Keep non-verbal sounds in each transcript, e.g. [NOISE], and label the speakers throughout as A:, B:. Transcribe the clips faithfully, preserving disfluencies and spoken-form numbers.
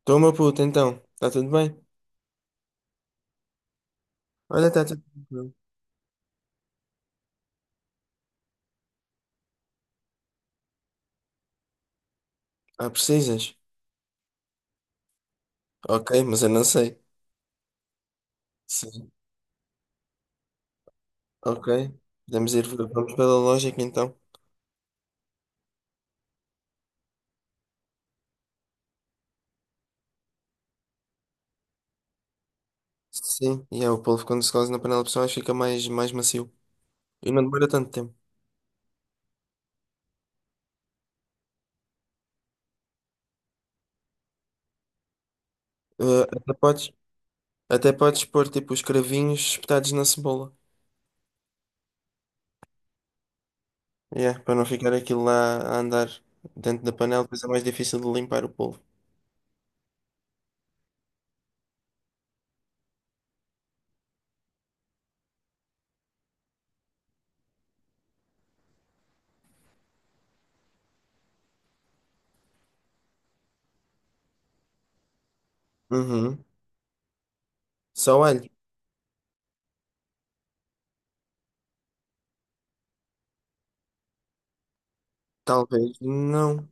A: Estou, meu puto, então. Está tudo bem? Olha, está tudo bem. Ah, precisas? Ok, mas eu não sei. Sim. Ok. Podemos ir, vamos pela lógica então. Sim, e é, o polvo quando se cose na panela de pressão fica mais, mais macio. E não demora tanto tempo. Eh, até podes, até podes pôr tipo os cravinhos espetados na cebola. É, para não ficar aquilo lá a andar dentro da panela, depois é mais difícil de limpar o polvo. Uhum. Só alho? Talvez não.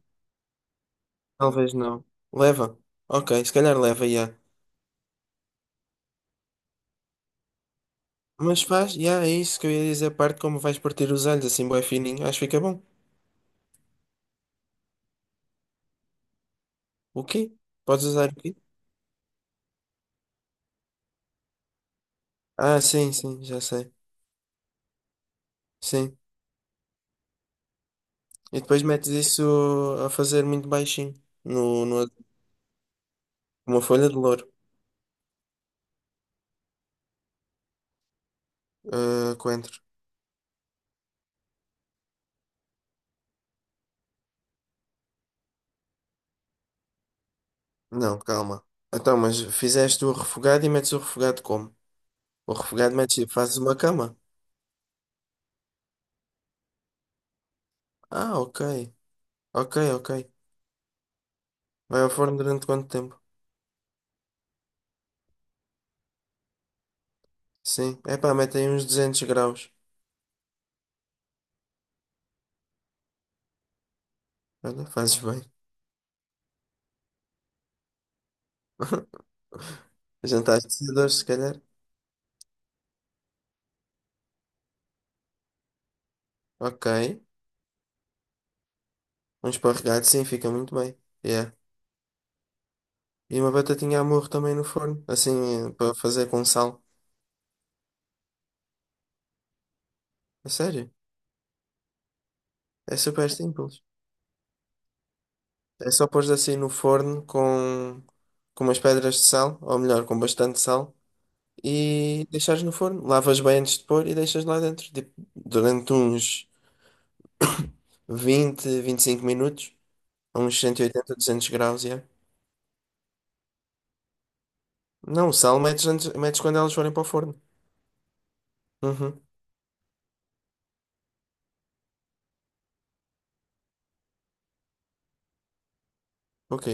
A: Talvez não. Leva? Ok, se calhar leva, já. Mas faz, yeah, é isso que eu ia dizer, a parte como vais partir os alhos, assim, bué fininho, acho que fica bom. O quê? Podes usar o quê? Ah, sim, sim, já sei. Sim. E depois metes isso a fazer muito baixinho, no, no, uma folha de louro, ah, coentro. Não, calma. Então, mas fizeste o refogado e metes o refogado como? O refogado metes, fazes uma cama? Ah, ok. Ok, ok. Vai ao forno durante quanto tempo? Sim. Epá, mete aí uns duzentos graus. Olha, fazes bem. [LAUGHS] Jantar de cedores, se calhar. Ok. Um esparregado, sim, fica muito bem. Yeah. E uma batatinha à morro também no forno, assim, eh, para fazer com sal. É sério, é super simples. É só pôr assim no forno com, com umas pedras de sal, ou melhor, com bastante sal, e deixares no forno. Lavas bem antes de pôr e deixas lá dentro, tipo, durante uns [COUGHS] vinte, vinte e cinco minutos, a uns cento e oitenta, duzentos graus, yeah. Não, o sal metes, antes, metes quando elas forem para o forno. Uhum. Ok.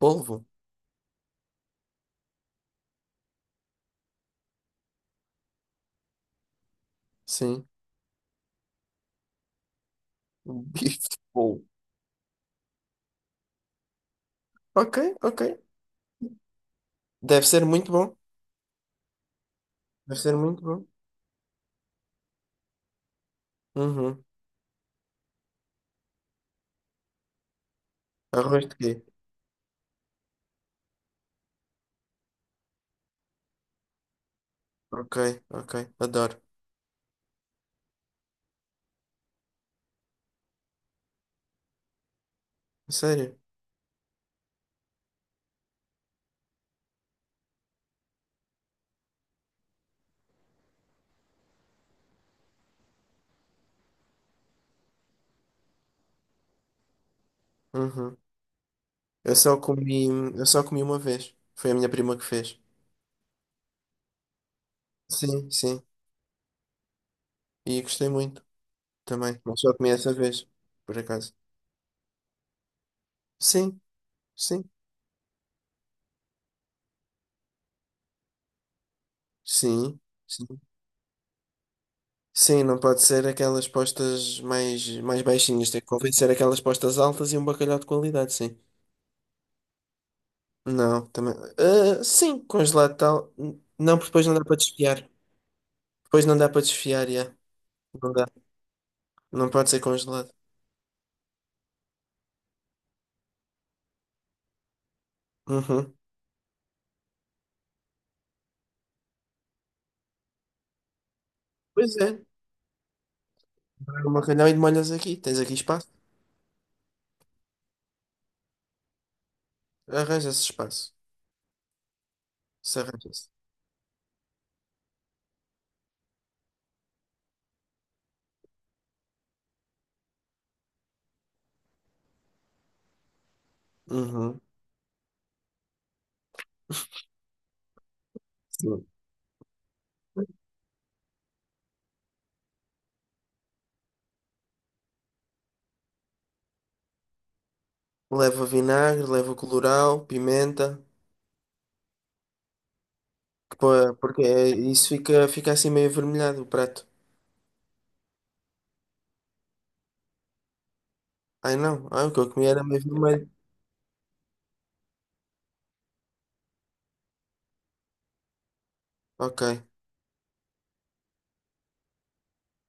A: Polvo? Sim. Um bife de polvo. Ok, ok. Deve ser muito bom. Deve ser muito bom. Uhum. Arroz de quê? Ok, ok. Adoro. Sério? Uhum. Eu só comi, eu só comi uma vez. Foi a minha prima que fez. Sim, sim. E gostei muito também. Mas só comi essa vez, por acaso. Sim, sim. Sim, sim. Sim, não pode ser aquelas postas mais, mais baixinhas. Tem que convencer aquelas postas altas e um bacalhau de qualidade, sim. Não, também. Ah, sim, congelado tal. Não, porque depois não dá para desfiar. Depois não dá para desfiar, já. Não dá. Não pode ser congelado. Uhum. Pois é. Vai ao Macalhau e molhas aqui. Tens aqui espaço. Arranja-se espaço. Se arranja-se. Uhum. Sim. Leva vinagre, leva colorau, pimenta. que Porque é- isso fica, fica assim meio avermelhado, o prato. Ai não. Ah, o que eu comi era meio vermelho. Ok,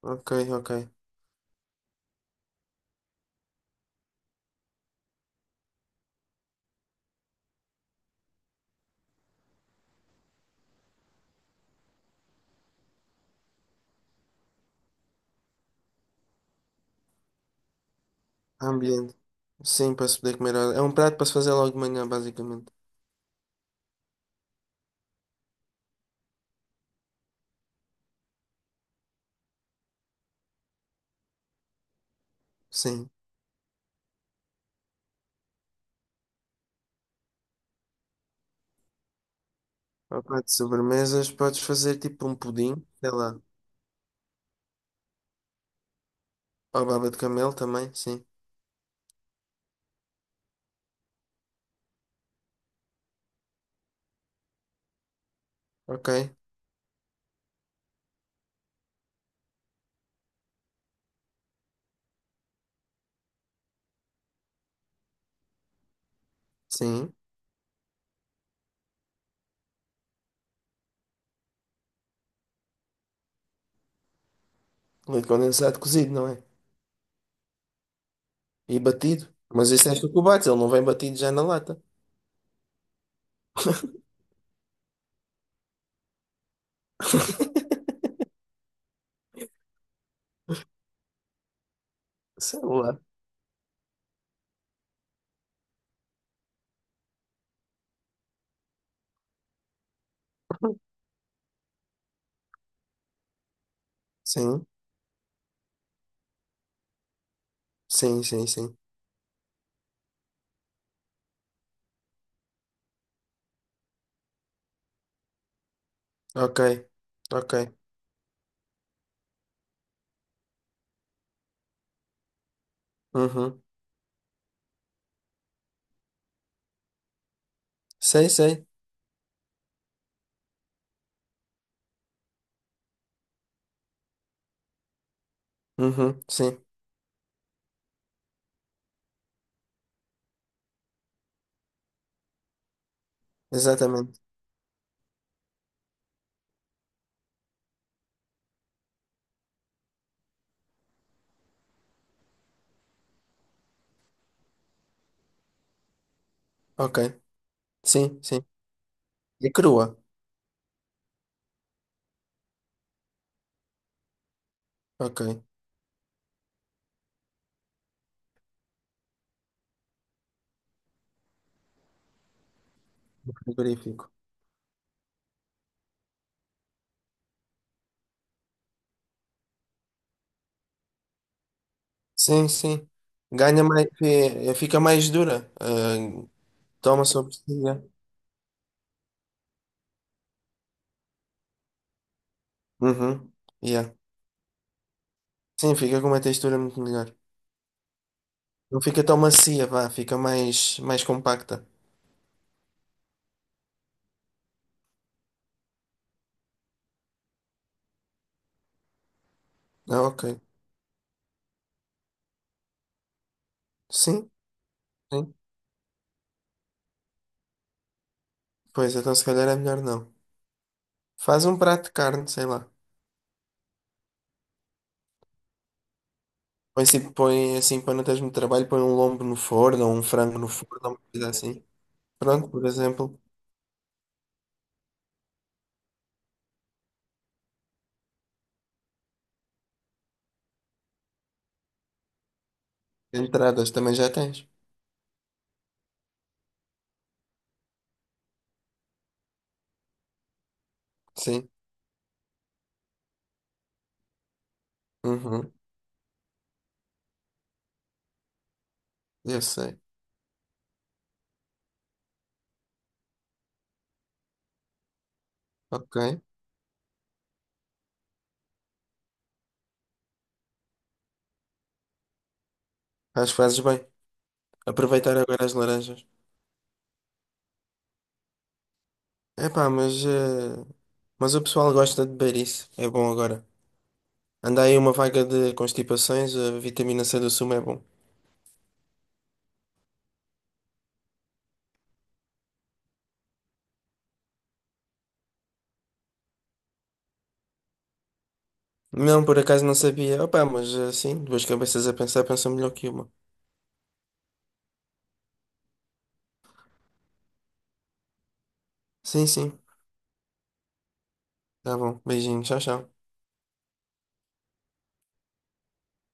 A: ok, ok. Ambiente. Sim, para se poder comer. É um prato para se fazer logo de manhã, basicamente. Sim. Opa, de sobremesas podes fazer tipo um pudim, sei lá. Ou baba de camelo também, sim. Ok, sim. Leite condensado cozido, não é? E batido. Mas isso é chocolate, ele não vem batido já na lata. [LAUGHS] Sei lá. Sim, sim, sim, sim. Ok, ok. Uhum. Sei, sei. Uhum. Sim, exatamente. Ok, sim, sim. E crua. Ok, frigorífico. Sim, sim. Ganha mais, fi- fica mais dura. ah, Toma sobre. Yeah. Uhum. Yeah. Sim, fica com uma textura muito melhor. Não fica tão macia, vá, fica mais, mais compacta. Ah, ok. Sim, sim. Pois, então se calhar é melhor não. Faz um prato de carne, sei lá. Põe, assim- põe assim para não teres muito trabalho, põe um lombo no forno, ou um frango no forno, uma coisa assim. Pronto, por exemplo, entradas também já tens. Sim. Uhum. Eu sei. Ok. Acho que fazes bem. Aproveitar agora as laranjas. Epá, mas, eh, mas o pessoal gosta de beber isso. É bom agora. Anda aí uma vaga de constipações, a vitamina cê do sumo é bom. Não, por acaso não sabia. Opá, mas assim, duas cabeças a pensar pensam melhor que uma. Sim, sim. Tá bom. Beijinho. Tchau, tchau.